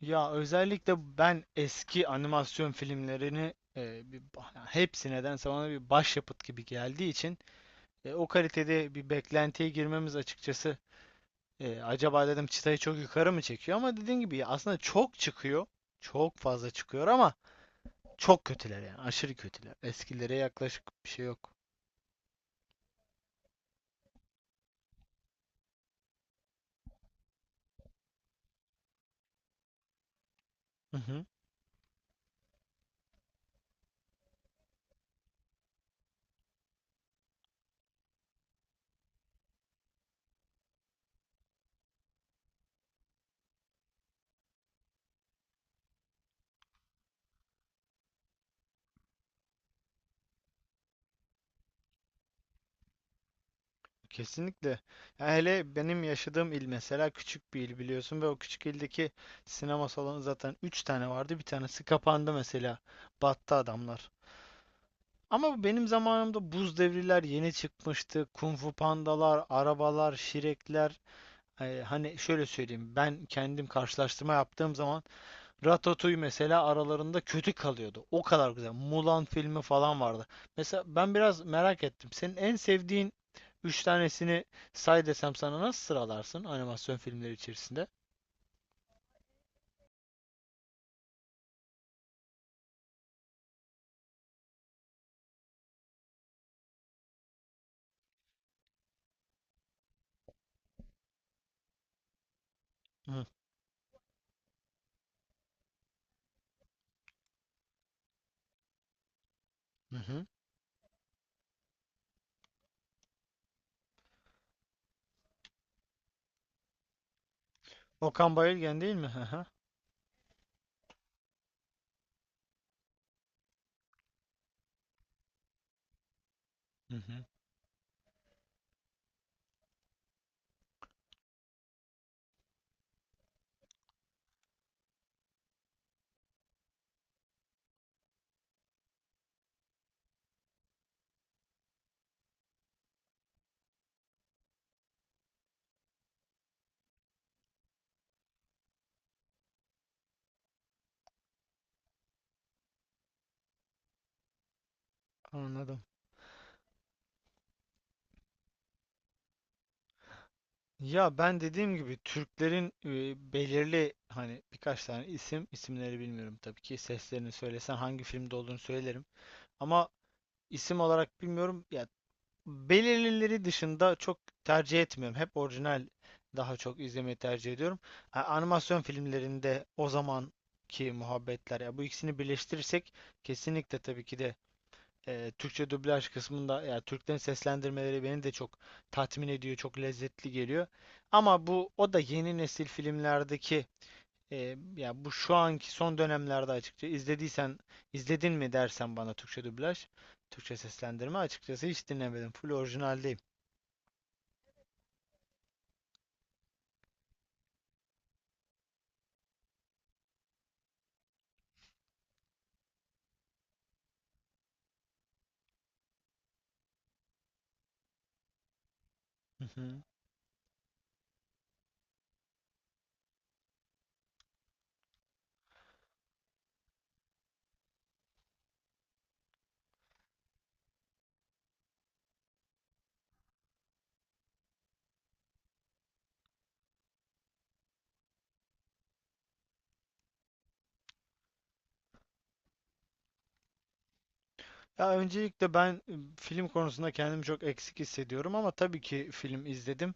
Ya özellikle ben eski animasyon filmlerini yani hepsi nedense bana bir başyapıt gibi geldiği için o kalitede bir beklentiye girmemiz açıkçası acaba dedim çıtayı çok yukarı mı çekiyor ama dediğin gibi ya aslında çok çıkıyor. Çok fazla çıkıyor ama çok kötüler yani aşırı kötüler. Eskilere yaklaşık bir şey yok. Kesinlikle. Ya hele benim yaşadığım il mesela küçük bir il biliyorsun ve o küçük ildeki sinema salonu zaten 3 tane vardı. Bir tanesi kapandı mesela. Battı adamlar. Ama bu benim zamanımda buz devriler yeni çıkmıştı. Kung Fu pandalar, arabalar, şirekler. Hani şöyle söyleyeyim. Ben kendim karşılaştırma yaptığım zaman Ratatouille mesela aralarında kötü kalıyordu. O kadar güzel. Mulan filmi falan vardı. Mesela ben biraz merak ettim. Senin en sevdiğin üç tanesini say desem sana nasıl sıralarsın animasyon filmleri içerisinde? Hı hı. Hı. Okan Bayülgen değil mi? Hı hı. Hı hı. Anladım. Ya ben dediğim gibi Türklerin belirli hani birkaç tane isim isimleri bilmiyorum, tabii ki seslerini söylesen hangi filmde olduğunu söylerim ama isim olarak bilmiyorum ya. Belirlileri dışında çok tercih etmiyorum. Hep orijinal daha çok izlemeyi tercih ediyorum. Animasyon filmlerinde o zamanki muhabbetler ya, bu ikisini birleştirirsek kesinlikle tabii ki de Türkçe dublaj kısmında ya Türklerin seslendirmeleri beni de çok tatmin ediyor, çok lezzetli geliyor. Ama bu o da yeni nesil filmlerdeki ya bu şu anki son dönemlerde açıkça izlediysen, izledin mi dersen bana Türkçe dublaj, Türkçe seslendirme açıkçası hiç dinlemedim. Full orijinalde. Hı hı. Ya öncelikle ben film konusunda kendimi çok eksik hissediyorum ama tabii ki film izledim.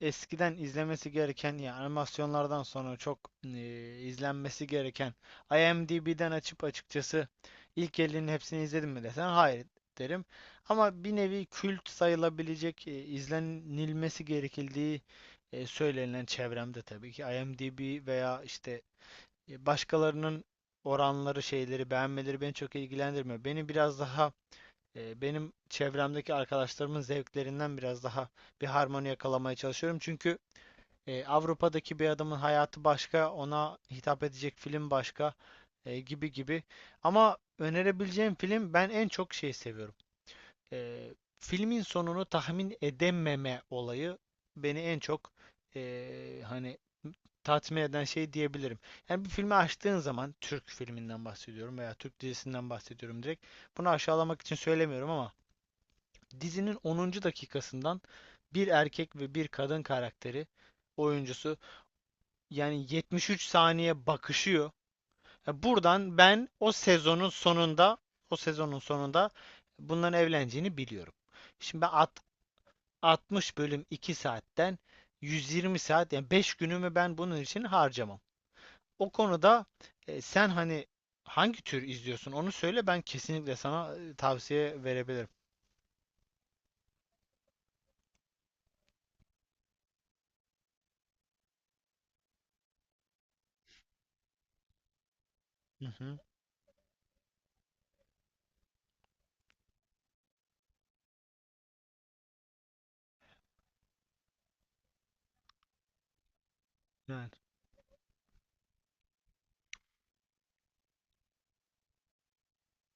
Eskiden izlemesi gereken ya animasyonlardan sonra çok izlenmesi gereken IMDb'den açıp açıkçası ilk 50'nin hepsini izledim mi desen hayır derim. Ama bir nevi kült sayılabilecek izlenilmesi gerekildiği söylenilen çevremde tabii ki IMDb veya işte, başkalarının oranları, şeyleri, beğenmeleri beni çok ilgilendirmiyor. Beni biraz daha benim çevremdeki arkadaşlarımın zevklerinden biraz daha bir harmoni yakalamaya çalışıyorum. Çünkü Avrupa'daki bir adamın hayatı başka, ona hitap edecek film başka, gibi gibi. Ama önerebileceğim film, ben en çok şey seviyorum. Eee, Filmin sonunu tahmin edememe olayı beni en çok hani tatmin eden şey diyebilirim. Yani bir filmi açtığın zaman, Türk filminden bahsediyorum veya Türk dizisinden bahsediyorum direkt. Bunu aşağılamak için söylemiyorum ama dizinin onuncu dakikasından bir erkek ve bir kadın karakteri, oyuncusu, yani 73 saniye bakışıyor. Ya buradan ben o sezonun sonunda bunların evleneceğini biliyorum. Şimdi ben 60 bölüm 2 saatten 120 saat, yani 5 günümü ben bunun için harcamam. O konuda sen hani hangi tür izliyorsun onu söyle, ben kesinlikle sana tavsiye verebilirim. Hı hı. Yani,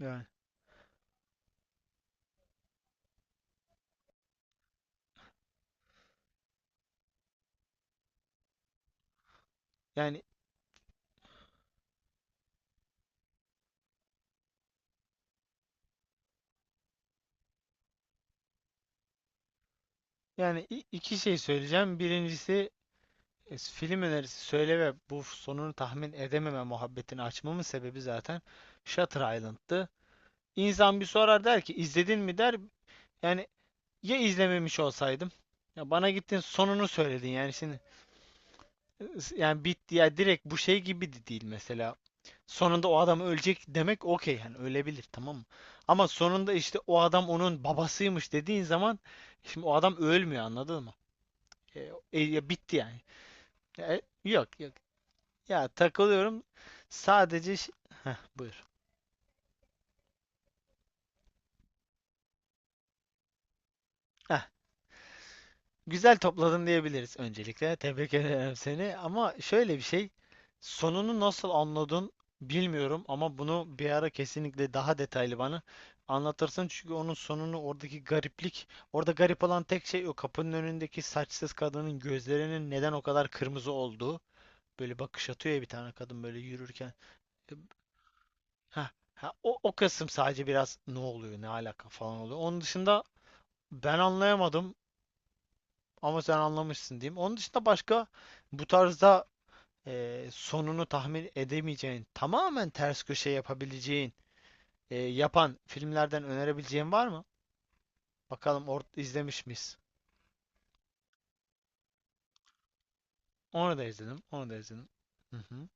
yani, yani, yani, iki şey söyleyeceğim. Birincisi film önerisi söyle, ve bu sonunu tahmin edememe muhabbetini açmamın sebebi zaten Shutter Island'tı. İnsan bir sorar, der ki izledin mi der. Yani, ya izlememiş olsaydım. Ya bana gittin sonunu söyledin, yani şimdi, yani bitti ya, direkt bu şey gibi de değil mesela. Sonunda o adam ölecek demek, okey yani, ölebilir tamam mı? Ama sonunda işte o adam onun babasıymış dediğin zaman, şimdi o adam ölmüyor, anladın mı? E, Ya bitti yani. Yok yok. Ya takılıyorum. Sadece şey... Heh, buyur. Heh. Güzel topladın diyebiliriz öncelikle. Tebrik ederim seni. Ama şöyle bir şey, sonunu nasıl anladın bilmiyorum, ama bunu bir ara kesinlikle daha detaylı bana anlatırsın. Çünkü onun sonunu, oradaki gariplik, orada garip olan tek şey o kapının önündeki saçsız kadının gözlerinin neden o kadar kırmızı olduğu. Böyle bakış atıyor ya bir tane kadın böyle yürürken. Ha, o kısım sadece biraz ne oluyor, ne alaka falan oluyor. Onun dışında ben anlayamadım. Ama sen anlamışsın diyeyim. Onun dışında başka bu tarzda sonunu tahmin edemeyeceğin, tamamen ters köşe yapabileceğin, yapan filmlerden önerebileceğin var mı? Bakalım, or izlemiş miyiz? Onu da izledim, onu da izledim. Hı hı,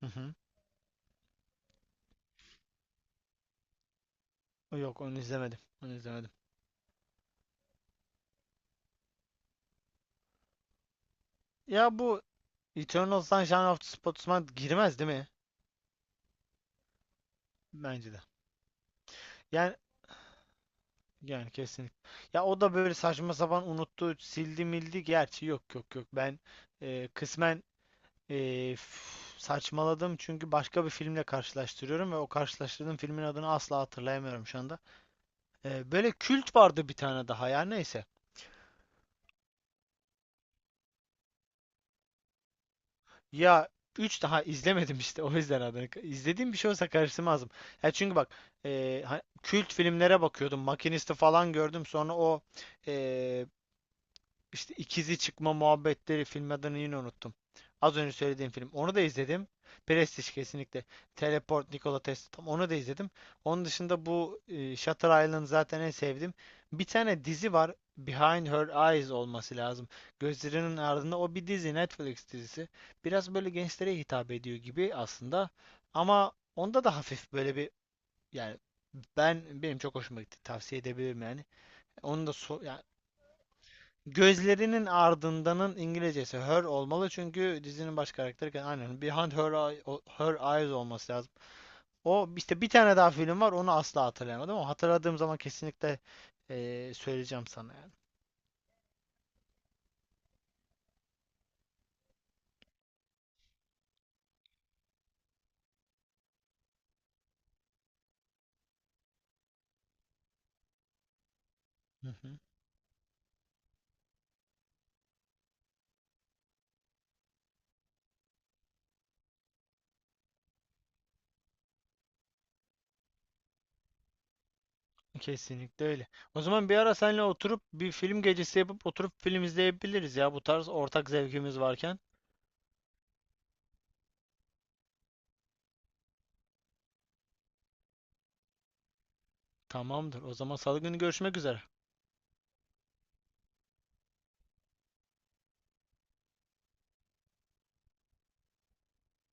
hı hı. Yok, onu izlemedim, onu izlemedim. Ya bu Eternal Sunshine of the Spotless Mind girmez değil mi? Bence de. Yani yani kesinlikle. Ya o da böyle saçma sapan unuttu, sildi mildi. Gerçi yok yok yok. Ben kısmen, saçmaladım çünkü başka bir filmle karşılaştırıyorum ve o karşılaştırdığım filmin adını asla hatırlayamıyorum şu anda. Böyle kült vardı bir tane daha, ya neyse. Ya 3 daha izlemedim işte, o yüzden adını. İzlediğim bir şey olsa karıştırmazdım. Ya çünkü bak, kült filmlere bakıyordum. Makinist'i falan gördüm, sonra o e, İşte ikizi çıkma muhabbetleri, film adını yine unuttum. Az önce söylediğim film. Onu da izledim. Prestige, kesinlikle. Teleport, Nikola Tesla. Tam onu da izledim. Onun dışında bu Shutter Island zaten en sevdim. Bir tane dizi var. Behind Her Eyes olması lazım. Gözlerinin ardında, o bir dizi. Netflix dizisi. Biraz böyle gençlere hitap ediyor gibi aslında. Ama onda da hafif böyle bir, yani, ben benim çok hoşuma gitti. Tavsiye edebilirim yani. Onu da, so yani, Gözlerinin ardındanın İngilizcesi her olmalı, çünkü dizinin baş karakteri aynen Behind Her, her Eyes olması lazım. O, işte bir tane daha film var, onu asla hatırlayamadım ama hatırladığım zaman kesinlikle söyleyeceğim sana yani. Hı hı. Kesinlikle öyle. O zaman bir ara seninle oturup bir film gecesi yapıp oturup film izleyebiliriz ya, bu tarz ortak zevkimiz varken. Tamamdır. O zaman salı günü görüşmek üzere.